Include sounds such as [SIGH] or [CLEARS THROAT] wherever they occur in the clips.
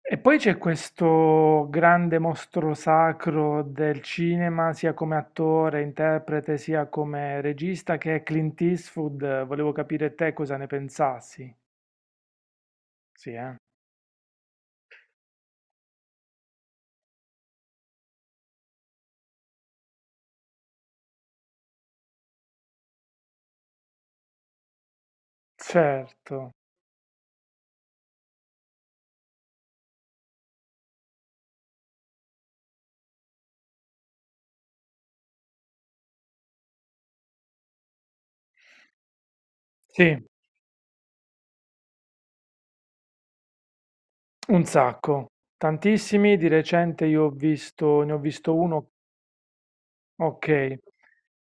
E poi c'è questo grande mostro sacro del cinema, sia come attore, interprete, sia come regista, che è Clint Eastwood. Volevo capire te cosa ne pensassi. Sì, eh? Certo. Sì, un sacco. Tantissimi. Di recente io ho visto, ne ho visto uno. Ok,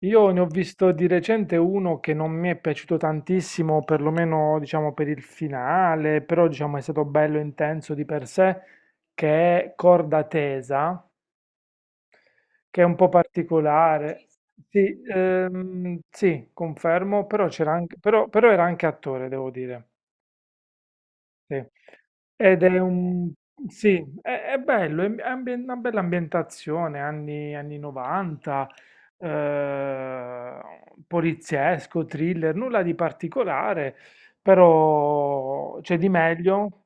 io ne ho visto di recente uno che non mi è piaciuto tantissimo, perlomeno diciamo per il finale, però diciamo è stato bello intenso di per sé, che è Corda Tesa, che è un po' particolare. Sì, sì, confermo, però c'era anche, però era anche attore, devo dire. Sì. Ed è un... Sì, è bello, è una bella ambientazione, anni 90, eh, poliziesco, thriller, nulla di particolare, però c'è di meglio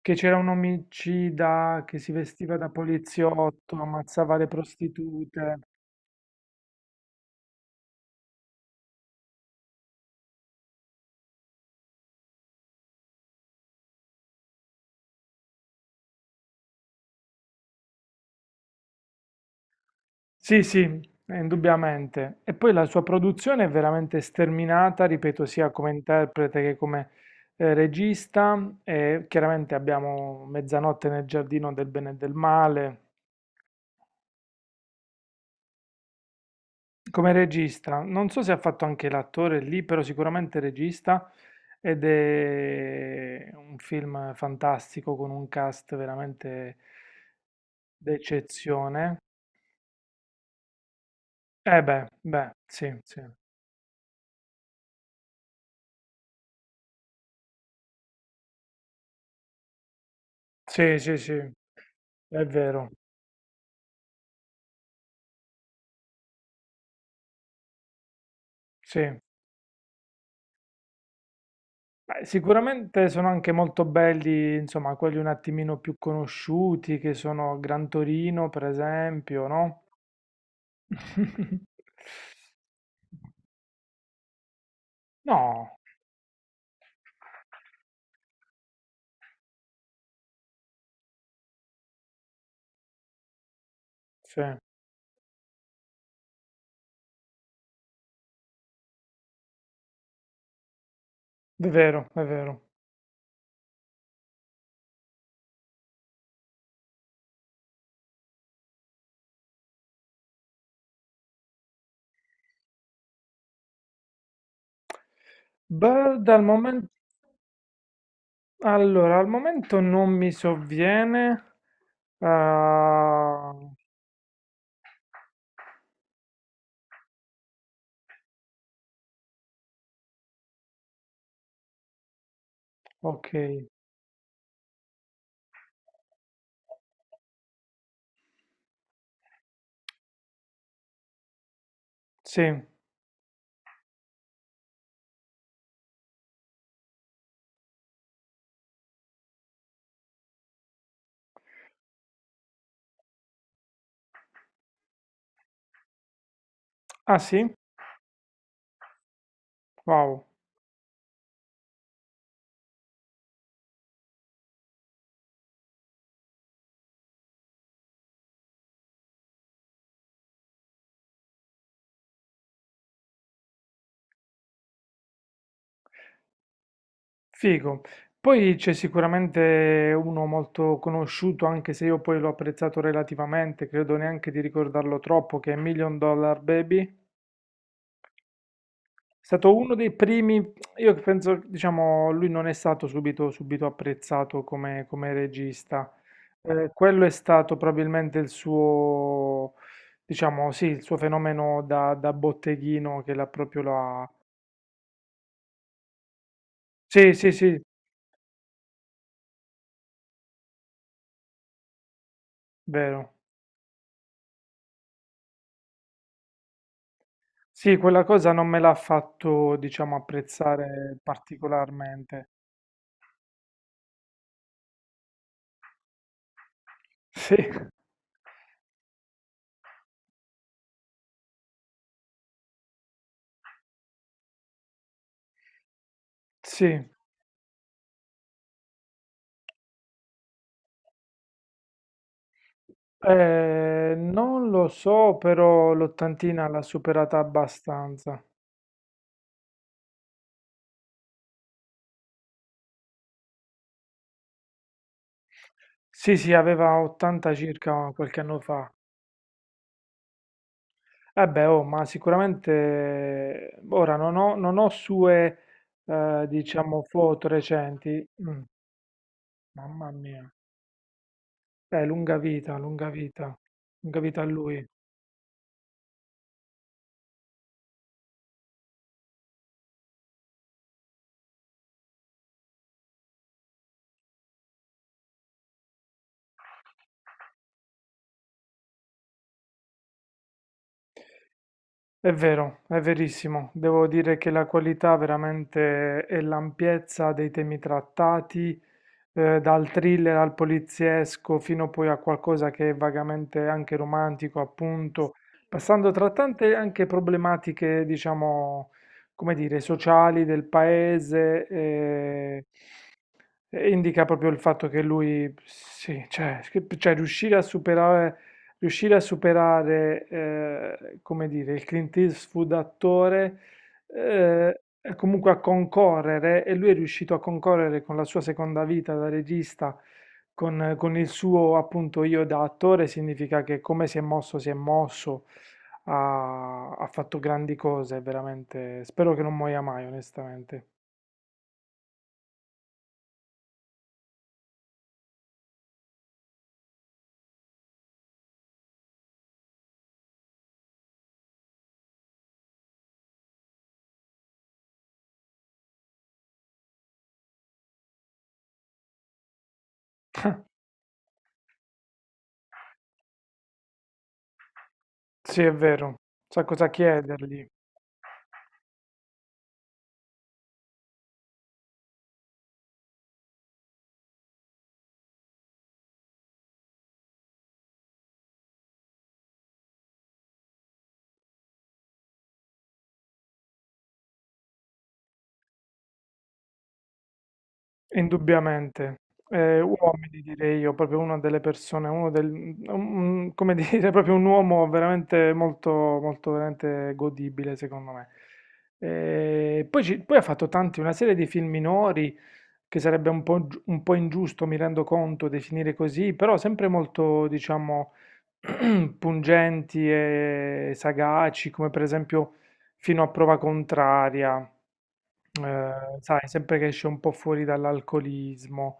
che c'era un omicida che si vestiva da poliziotto, ammazzava le prostitute. Sì, sì, indubbiamente. E poi la sua produzione è veramente sterminata, ripeto, sia come interprete che come regista. E chiaramente abbiamo Mezzanotte nel giardino del bene e del male. Come regista, non so se ha fatto anche l'attore lì, però sicuramente regista. Ed è un film fantastico con un cast veramente d'eccezione. Eh beh, beh, sì, sì. Sì, sì, sì, è vero. Sì. Beh, sicuramente sono anche molto belli, insomma, quelli un attimino più conosciuti, che sono Gran Torino, per esempio, no? [LAUGHS] No, sì, è vero, è vero. Beh, dal momento... Allora, al momento non mi sovviene. Ah, ok, sì. Ah sì? Wow. Figo. Poi c'è sicuramente uno molto conosciuto, anche se io poi l'ho apprezzato relativamente, credo neanche di ricordarlo troppo, che è Million Dollar Baby. È stato uno dei primi, io penso, diciamo, lui non è stato subito, apprezzato come regista. Quello è stato probabilmente il suo, diciamo, sì, il suo fenomeno da botteghino che l'ha proprio la... Sì, sì, sì, vero. Sì, quella cosa non me l'ha fatto, diciamo, apprezzare particolarmente. Sì, sì. Non lo so, però l'ottantina l'ha superata abbastanza. Sì, sì, aveva 80 circa qualche anno fa. Eh beh, oh, ma sicuramente ora non ho sue, diciamo, foto recenti. Mm, mamma mia. Lunga vita, lunga vita, lunga vita a lui. È vero, è verissimo. Devo dire che la qualità veramente e l'ampiezza dei temi trattati, dal thriller al poliziesco fino poi a qualcosa che è vagamente anche romantico, appunto, passando tra tante anche problematiche, diciamo, come dire, sociali del paese, e indica proprio il fatto che lui, sì, cioè, cioè riuscire a superare, come dire, il Clint Eastwood attore, e comunque a concorrere, e lui è riuscito a concorrere con la sua seconda vita da regista, con il suo appunto io da attore, significa che come si è mosso, ha fatto grandi cose, veramente. Spero che non muoia mai, onestamente. Sì, è vero, sa cosa chiedergli. Indubbiamente, uomini direi io, proprio una delle persone, uno del mhmm, un come dire, [LAUGHS] proprio un uomo veramente molto molto veramente godibile secondo me. Poi ha fatto tanti una serie di film minori, che sarebbe un po' giu un po' ingiusto, mi rendo conto, definire così, però sempre molto diciamo [CLEARS THROAT] pungenti e sagaci, come per esempio Fino a prova contraria, sai, sempre che esce un po' fuori dall'alcolismo.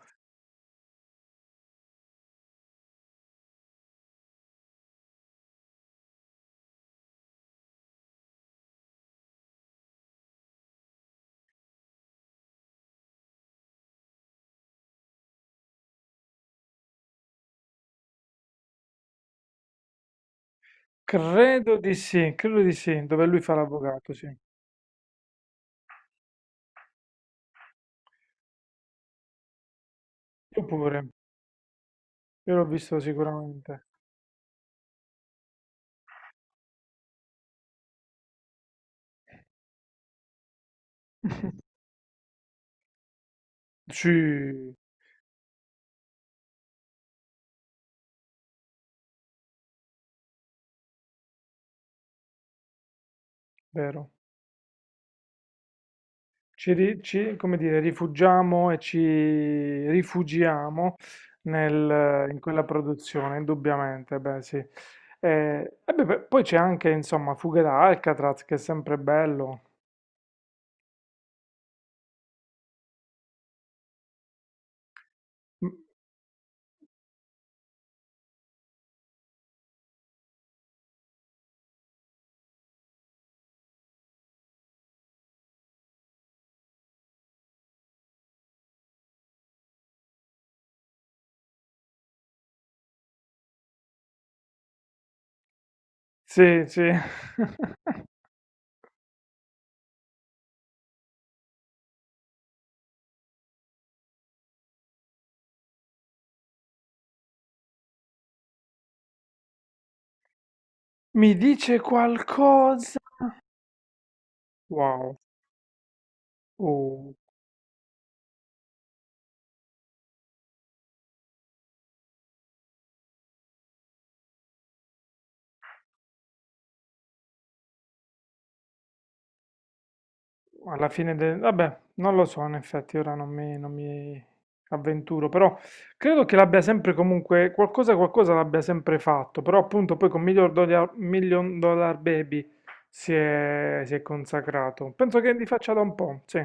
Credo di sì, dove lui fa l'avvocato, sì. Io pure, io l'ho visto sicuramente. Sì, vero. Come dire, rifugiamo e ci rifugiamo in quella produzione, indubbiamente, beh sì. E beh, beh, poi c'è anche, insomma, Fuga da Alcatraz, che è sempre bello. Mm. Sì, sì. [LAUGHS] Mi dice qualcosa? Wow, oh, alla fine del... Vabbè, non lo so, in effetti, ora non mi avventuro, però credo che l'abbia sempre comunque, qualcosa, qualcosa l'abbia sempre fatto, però appunto poi con Million Dollar Baby si è consacrato. Penso che li faccia da un po', sì.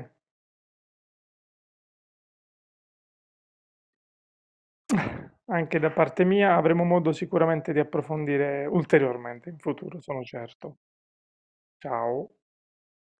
Anche da parte mia avremo modo sicuramente di approfondire ulteriormente in futuro, sono certo. Ciao.